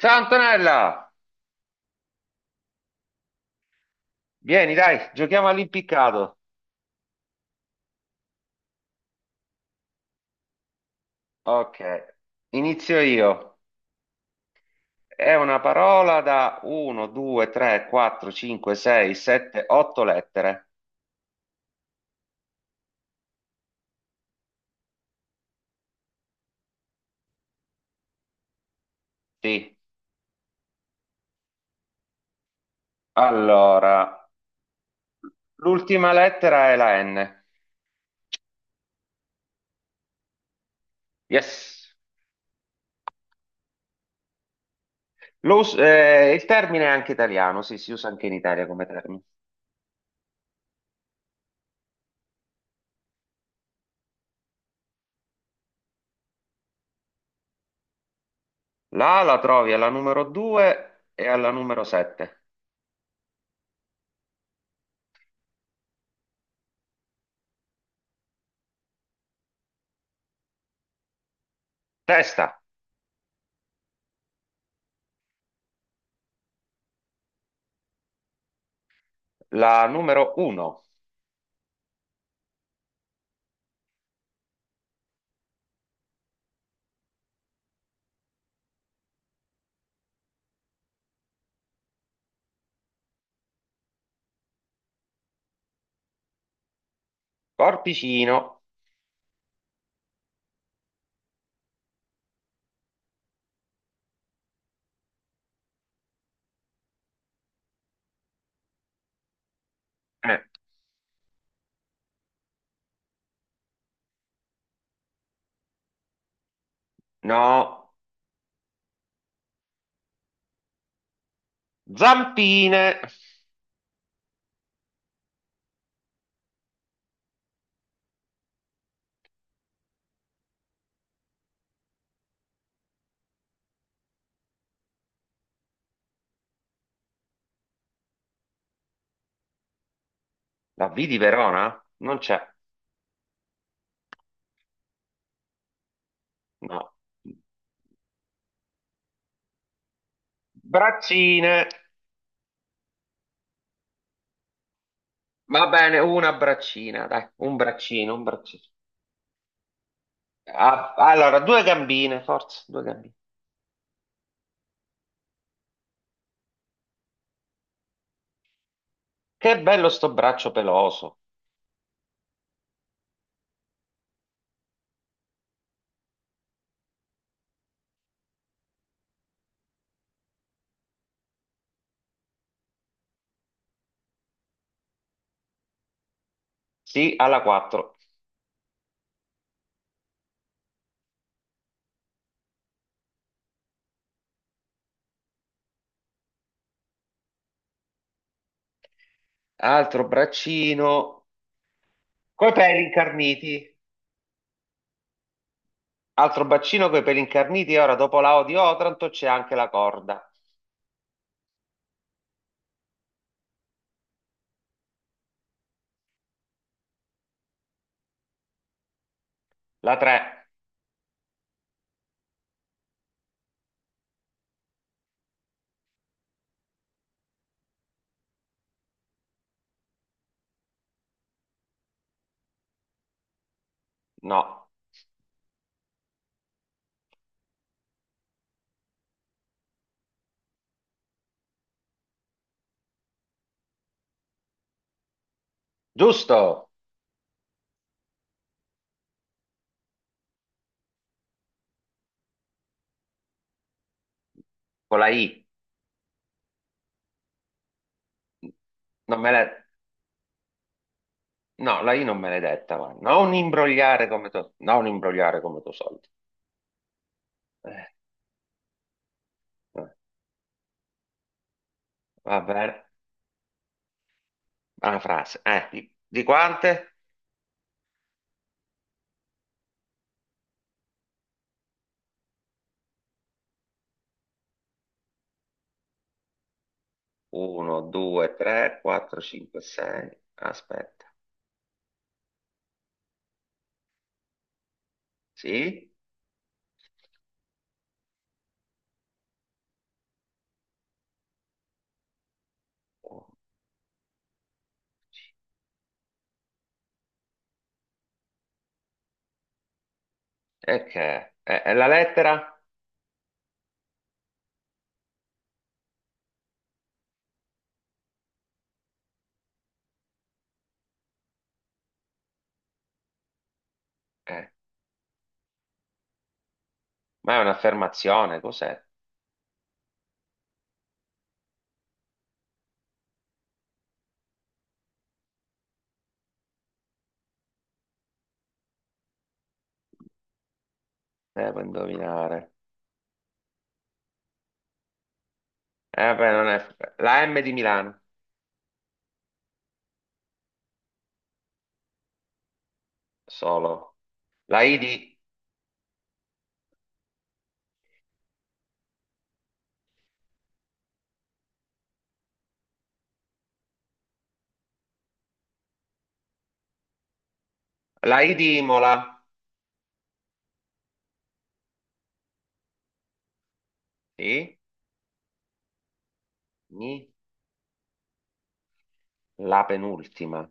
Ciao Antonella, vieni dai, giochiamo all'impiccato. Ok, inizio io. È una parola da 1, 2, 3, 4, 5, 6, 7, 8 lettere. Sì. Allora, l'ultima lettera è la N. Yes. Il termine è anche italiano, sì, si usa anche in Italia come termine. La A la trovi alla numero 2 e alla numero 7. Testa, la numero 1. Corpicino. Eh, no. Zampine, la V di Verona? Non c'è, no. Braccine, va bene, una braccina, dai, un braccino, un braccino. Ah, allora, due gambine, forza, due gambine. Che bello sto braccio peloso. Sì, alla 4. Altro braccino, coi peli incarniti. Altro braccino coi peli incarniti. E ora, dopo la O di Otranto, c'è anche la corda. La 3, no. Giusto, con la I. Non me la... No, la I non maledetta, ma non imbrogliare come tuo soldi. Eh, eh, Va bene, una frase. Di quante? 1, 2, 3, 4, 5, 6. Aspetta, sì? E che? È la lettera? Eh, ma è un'affermazione, cos'è? Devo indovinare. Beh, non è... La M di Milano, solo. La I di, la I di Imola, sì? Mi? La penultima.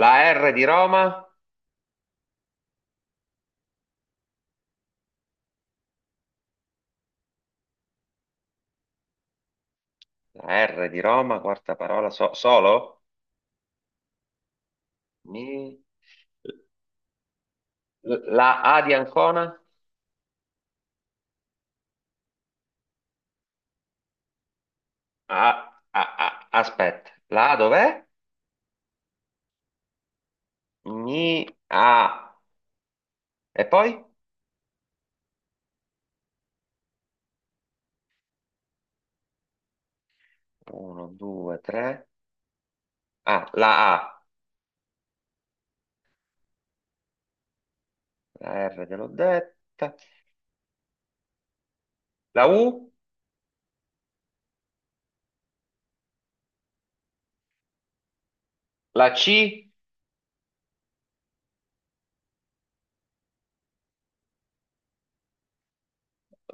La R di Roma? La R di Roma, quarta parola, solo? Mi- La A di Ancona? Aspetta, la A dov'è? Mi, A. E poi? Uno, due, tre. Ah, la A. La R te l'ho detta. La U? La C?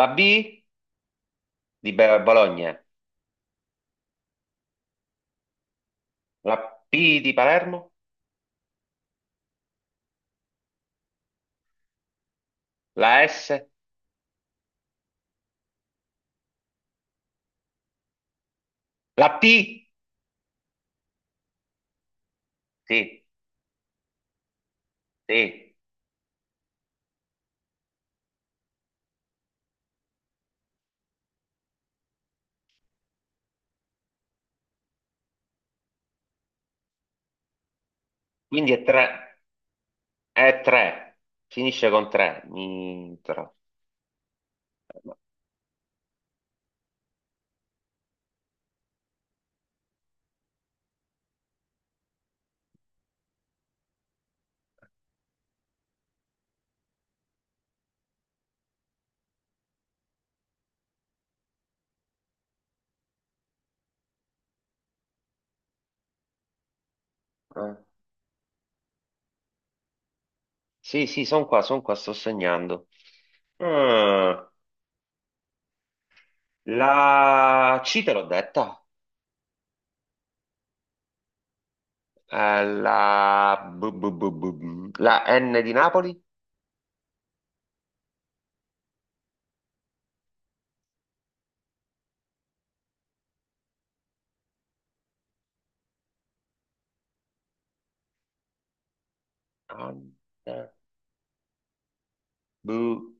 La B di Bologna? La P di Palermo? La S? La P? Sì, sì. Quindi è tre. È tre. Finisce con tre. Mi, tro. Ah, sì, sì, sono qua, sto segnando. Ah, la C te l'ho detta. La N di Napoli. An- eh, bu-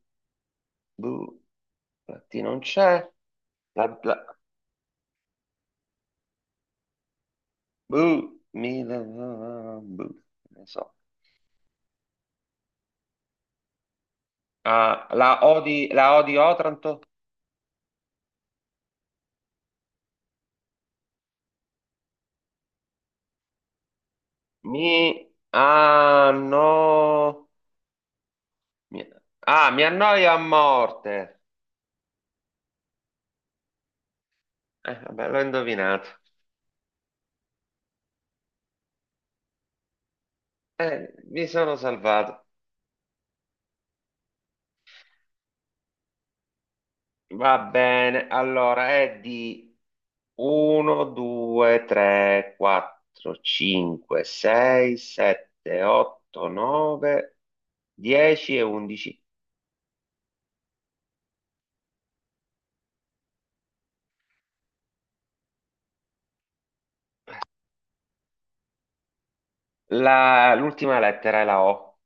bu- La T non c'è. La, la- bu- mi- la- la- la- bu- Non so. Ah, la O di Otranto. Ah, no. Mi- mi annoia a morte. Vabbè, l'ho indovinato. Mi sono salvato. Va bene, allora è di 1, 2, 3, 4, 5, 6, 7, 8, 9, 10 e 11. L'ultima lettera è la O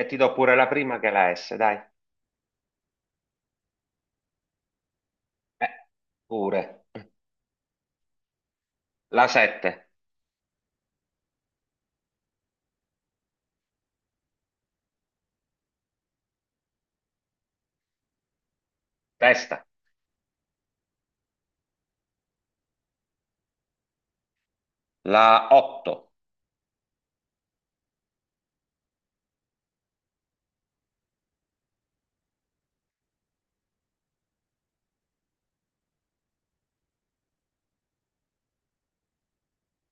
e ti do pure la prima che è la S, dai. Eh, Pure. La 7, testa. La 8,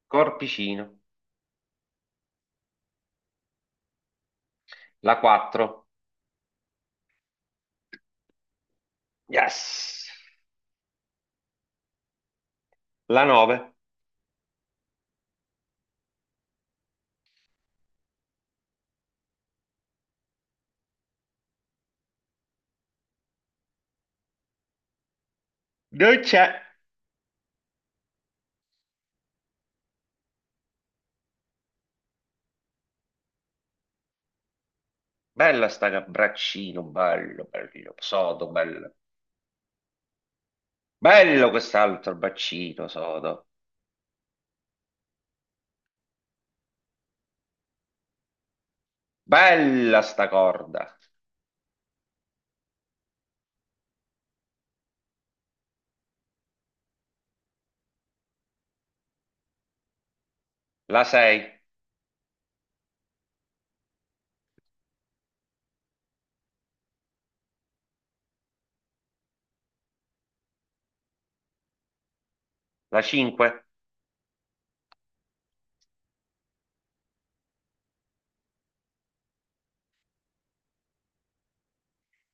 corpicino. La 4, yes. La 9, non c'è. Bella sta braccino, bello, bello, sodo, bello. Bello quest'altro braccino, sodo. Bella sta corda. La 6, la 5,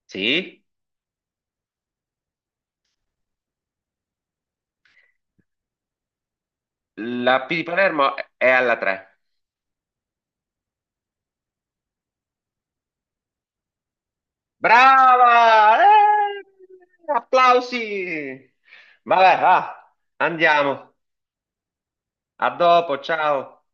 sì. La P di Palermo è alla 3. Brava! Applausi! Vabbè, va, andiamo. A dopo, ciao.